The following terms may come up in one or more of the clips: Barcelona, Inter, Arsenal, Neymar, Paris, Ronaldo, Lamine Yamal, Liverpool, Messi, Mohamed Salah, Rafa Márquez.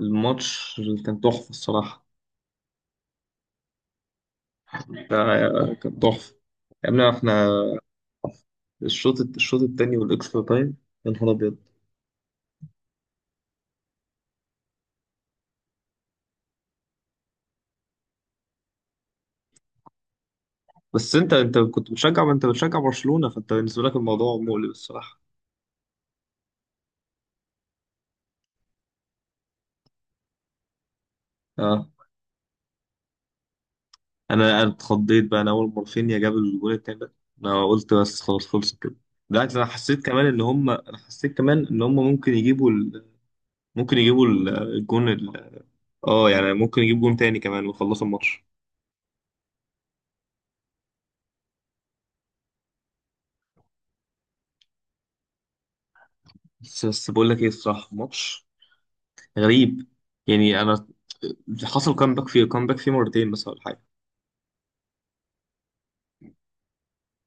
الماتش كان تحفة الصراحة. ده كان تحفة. يا ابني احنا الشوط التاني والاكسترا تايم، يا نهار ابيض. بس انت كنت بتشجع، انت بتشجع برشلونة، فانت بالنسبة لك الموضوع مقلق الصراحة. اه انا اتخضيت بقى، انا اول ما رافينيا جاب الجول التاني ده انا قلت بس خلاص خلصت كده. بالعكس، انا حسيت كمان ان هم، انا حسيت كمان ان هم ممكن يجيبوا ال... ممكن يجيبوا الجون اه، يعني ممكن يجيبوا جون تاني كمان ويخلصوا الماتش. بس بقول لك ايه الصراحة، الماتش غريب يعني. انا حصل كامباك فيه، كامباك فيه مرتين بس، ولا حاجه.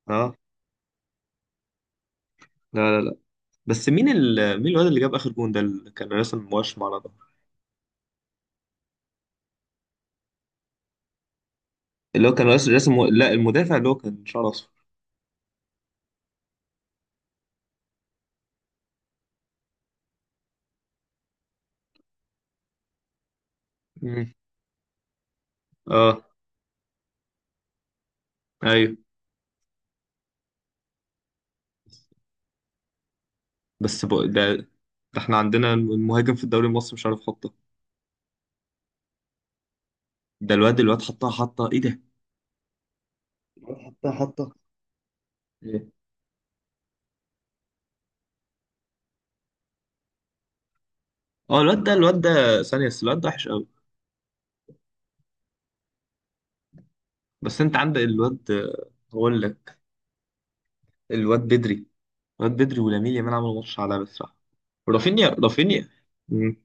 اه. لا لا لا. بس مين ال... مين الواد اللي جاب اخر جون ده اللي كان راسم وشم على ده؟ اللي هو كان راسم لا، المدافع اللي هو كان شعره اصفر. مم. اه. ايوه. ده. احنا عندنا المهاجم في الدوري المصري مش عارف يحطه. ده الواد حطها ايه ده! حطها، حطها. إيه؟ اه، الواد ده، الواد ده ثانيه بس، الواد ده وحش قوي. بس انت عندك الواد، هقول لك. الواد بدري ولامين يامال عملوا ماتش عالمي بصراحة. رافينيا. مم.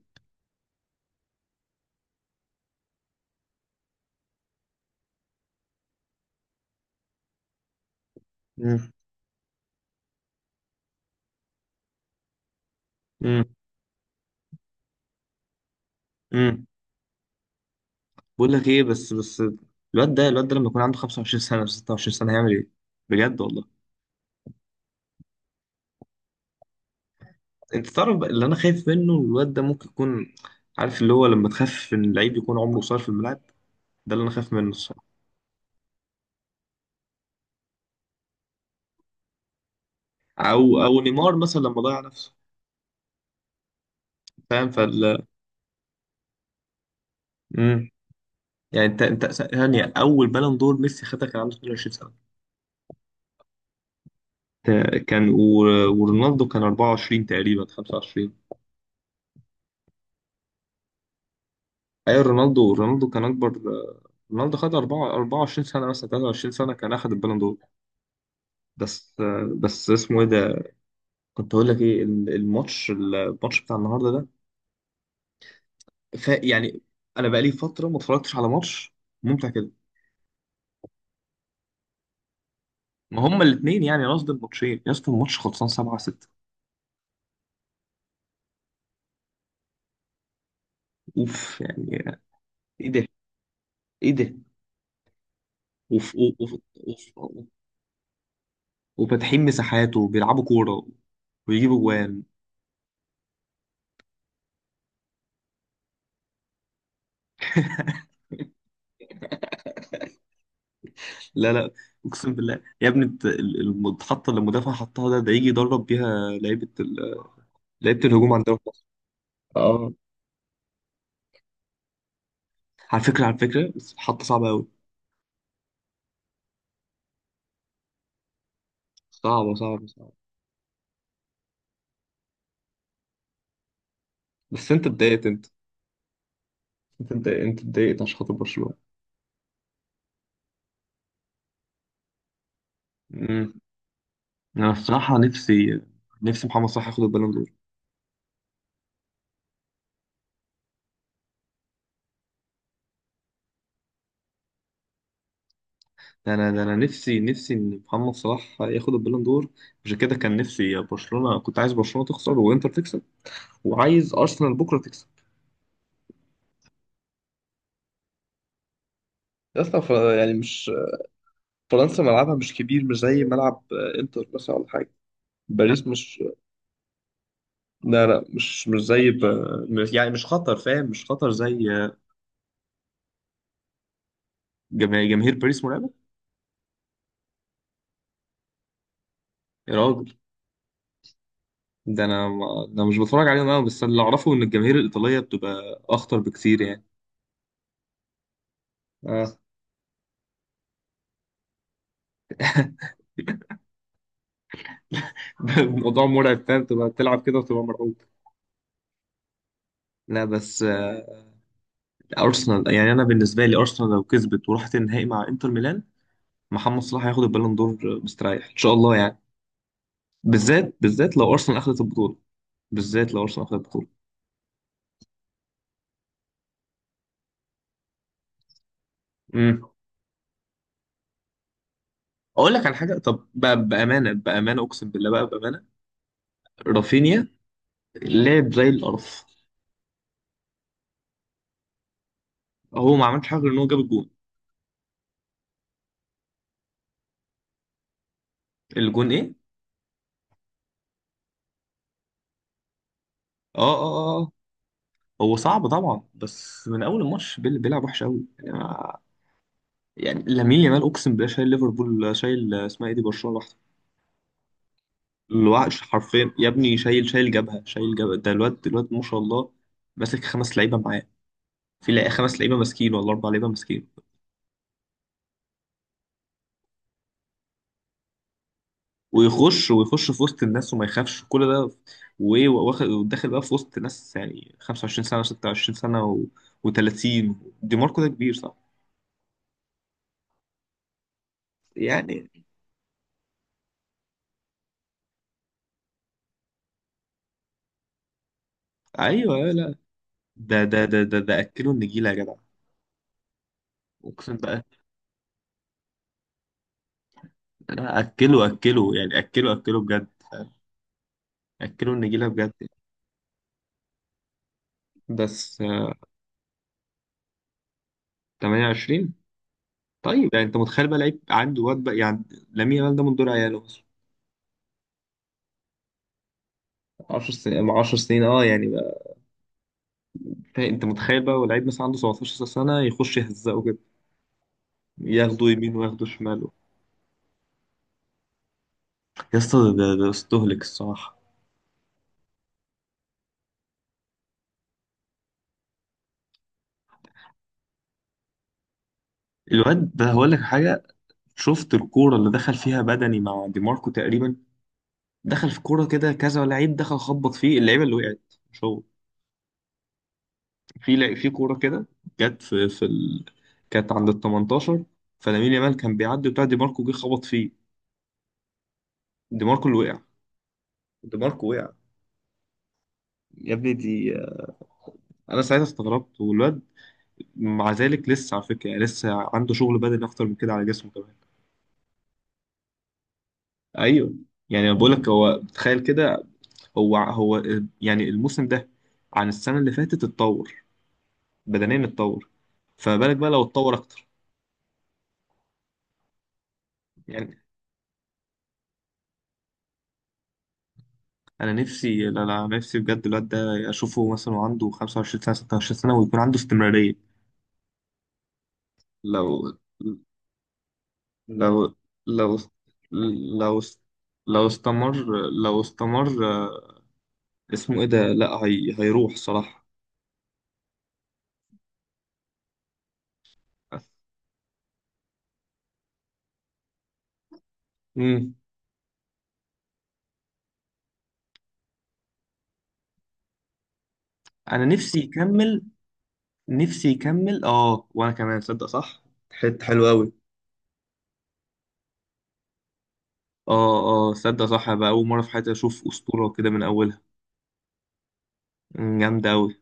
مم. مم. مم. بقول لك ايه، بس الواد ده لما يكون عنده 25 سنة و 26 سنة هيعمل ايه؟ بجد والله. انت تعرف بقى اللي انا خايف منه؟ الواد ده ممكن يكون، عارف اللي هو لما تخاف ان اللعيب يكون عمره قصير في الملعب، ده اللي انا خايف منه الصراحة. او نيمار مثلا لما ضيع نفسه. فاهم فال. مم. يعني انت ثانية، اول بالون دور ميسي خدها كان عنده 22 سنة. ورونالدو كان 24 تقريبا، 25. ايوه، رونالدو كان اكبر. رونالدو خد 4 24 سنه، مثلا 23 سنه كان اخد البالون دور. بس بس اسمه ايه ده، كنت اقول لك ايه. الماتش بتاع النهارده ده، ف يعني انا بقالي فتره ما اتفرجتش على ماتش ممتع كده. ما هما الاثنين، يعني قصدي الماتشين يا اسطى، الماتش خلصان 7-6. اوف يعني! ايه ده! ايه ده! وف وف وف وف- وفاتحين مساحات وبيلعبوا كوره ويجيبوا جوان. لا لا. اقسم بالله يا ابني، انت المحطه اللي المدافع حطها ده، ده يجي يدرب بيها لعيبه لعيبه الهجوم عندنا في مصر. اه. على فكره بس حطه صعبه قوي. صعبه صعبه صعبه. بس انت اتضايقت انت انت اتضايقت، انت اتضايقت عشان خاطر برشلونه. امم. انا الصراحه نفسي، نفسي محمد صلاح ياخد البالون دور. ده انا نفسي ان محمد صلاح ياخد البالون دور، عشان كده كان نفسي برشلونه، كنت عايز برشلونه تخسر وانتر تكسب، وعايز ارسنال بكره تكسب. يا اسطى، يعني مش، فرنسا ملعبها مش كبير، مش زي ملعب انتر مثلا ولا حاجه. باريس مش، لا لا، مش مش زي ب... يعني مش خطر فاهم، مش خطر زي جماهير باريس مرعبه. يا راجل! ده انا ما... ده مش بتفرج عليهم قوي، بس اللي اعرفه ان الجماهير الايطاليه بتبقى اخطر بكتير يعني. اه. الموضوع مرعب، فاهم؟ تبقى تلعب كده وتبقى مرعوب. لا بس ارسنال يعني، انا بالنسبه لي ارسنال لو كسبت وراحت النهائي مع انتر ميلان، محمد صلاح هياخد البالون دور مستريح ان شاء الله يعني. بالذات لو ارسنال اخذت البطوله، بالذات لو ارسنال اخذت البطوله. امم. اقول لك على حاجه، طب، بامانه اقسم بالله بقى، بامانه، رافينيا لعب زي القرف. هو ما عملش حاجه غير ان هو جاب الجون. الجون ايه! اه اه اه آه. هو صعب طبعا، بس من اول الماتش بيلعب وحش قوي يعني، يعني لامين يامال اقسم بالله شايل ليفربول، شايل اسمها ايه دي، برشلونه لوحده. الوحش حرفيا يا ابني، شايل جبهه ده الواد ما شاء الله. ماسك خمس لعيبه معاه. في لا- خمس لعيبه ماسكين ولا اربع لعيبه ماسكين. ويخش في وسط الناس وما يخافش كل ده، وايه، واخد وداخل بقى في وسط ناس يعني، 25 سنة و26 سنة و... و30. دي ماركو ده كبير صح يعني؟ ايوه أيوة، لا ده اكله النجيله يا جدع. اقسم بقى، لا اكله يعني، اكله اكله بجد، اكله النجيله بجد. بس 28. طيب يعني انت متخيل بقى لعيب عنده، واد بقى يعني، لامين يامال ده من دول عياله اصلا، 10 سنين 10 سنين اه يعني بقى. طيب، انت متخيل بقى ولعيب مثلا عنده 17 سنه، يخش يهزقه كده، ياخدوا يمين وياخدوا شمال. يا اسطى، ده استهلك الصراحه. الواد ده هقول لك حاجه. شفت الكوره اللي دخل فيها بدني مع دي ماركو تقريبا؟ دخل في كوره كده كذا لعيب، دخل خبط فيه، اللعيبه اللي وقعت مش هو. في كوره كده جت في كانت عند ال 18، فلامين يامال كان بيعدي بتاع دي ماركو جه خبط فيه. دي ماركو اللي وقع دي ماركو وقع. يا ابني، دي انا ساعتها استغربت. والواد مع ذلك لسه على فكره يعني، لسه عنده شغل بدني اكتر من كده على جسمه كمان. ايوه. يعني انا بقول لك، هو تخيل كده، هو يعني الموسم ده عن السنه اللي فاتت اتطور، بدنيا اتطور، فما بالك بقى لو اتطور اكتر. يعني انا نفسي، لا لا، نفسي بجد الواد ده اشوفه مثلا وعنده 25 سنه 26 سنه، ويكون عنده استمراريه. لو لو لو لو لو استمر لو استمر، اسمه ايه ده، لا هي... هيروح صراحه. امم. انا نفسي يكمل. نفسي يكمل اه، وانا كمان صدق صح. حته حلوه قوي. اه اه صدق صح بقى، اول مره في حياتي اشوف اسطوره كده من اولها. مم، جامده قوي.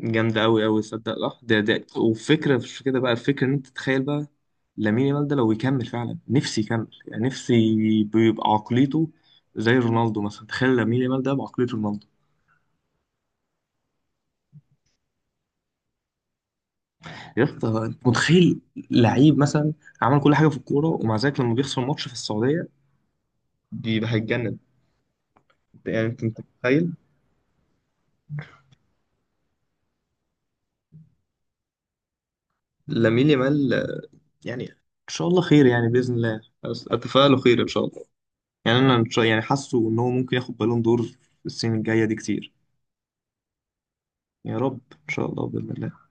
جامده قوي قوي. صدق صح. ده وفكره، مش كده بقى، الفكره ان انت تتخيل بقى، لامين يامال ده لو يكمل فعلا، نفسي يكمل يعني، نفسي بيبقى عقليته زي رونالدو مثلا. تخيل لامين يامال ده بعقلية رونالدو! يا اسطى انت متخيل، لعيب مثلا عمل كل حاجه في الكوره، ومع ذلك لما بيخسر ماتش في السعوديه بيبقى هيتجنن. يعني انت متخيل. لامين يامال يعني ان شاء الله خير يعني، باذن الله. اتفائله خير ان شاء الله. يعني انا إن شاء، يعني حاسه ان هو ممكن ياخد بالون دور السنين الجايه دي كتير. يا رب، ان شاء الله باذن الله.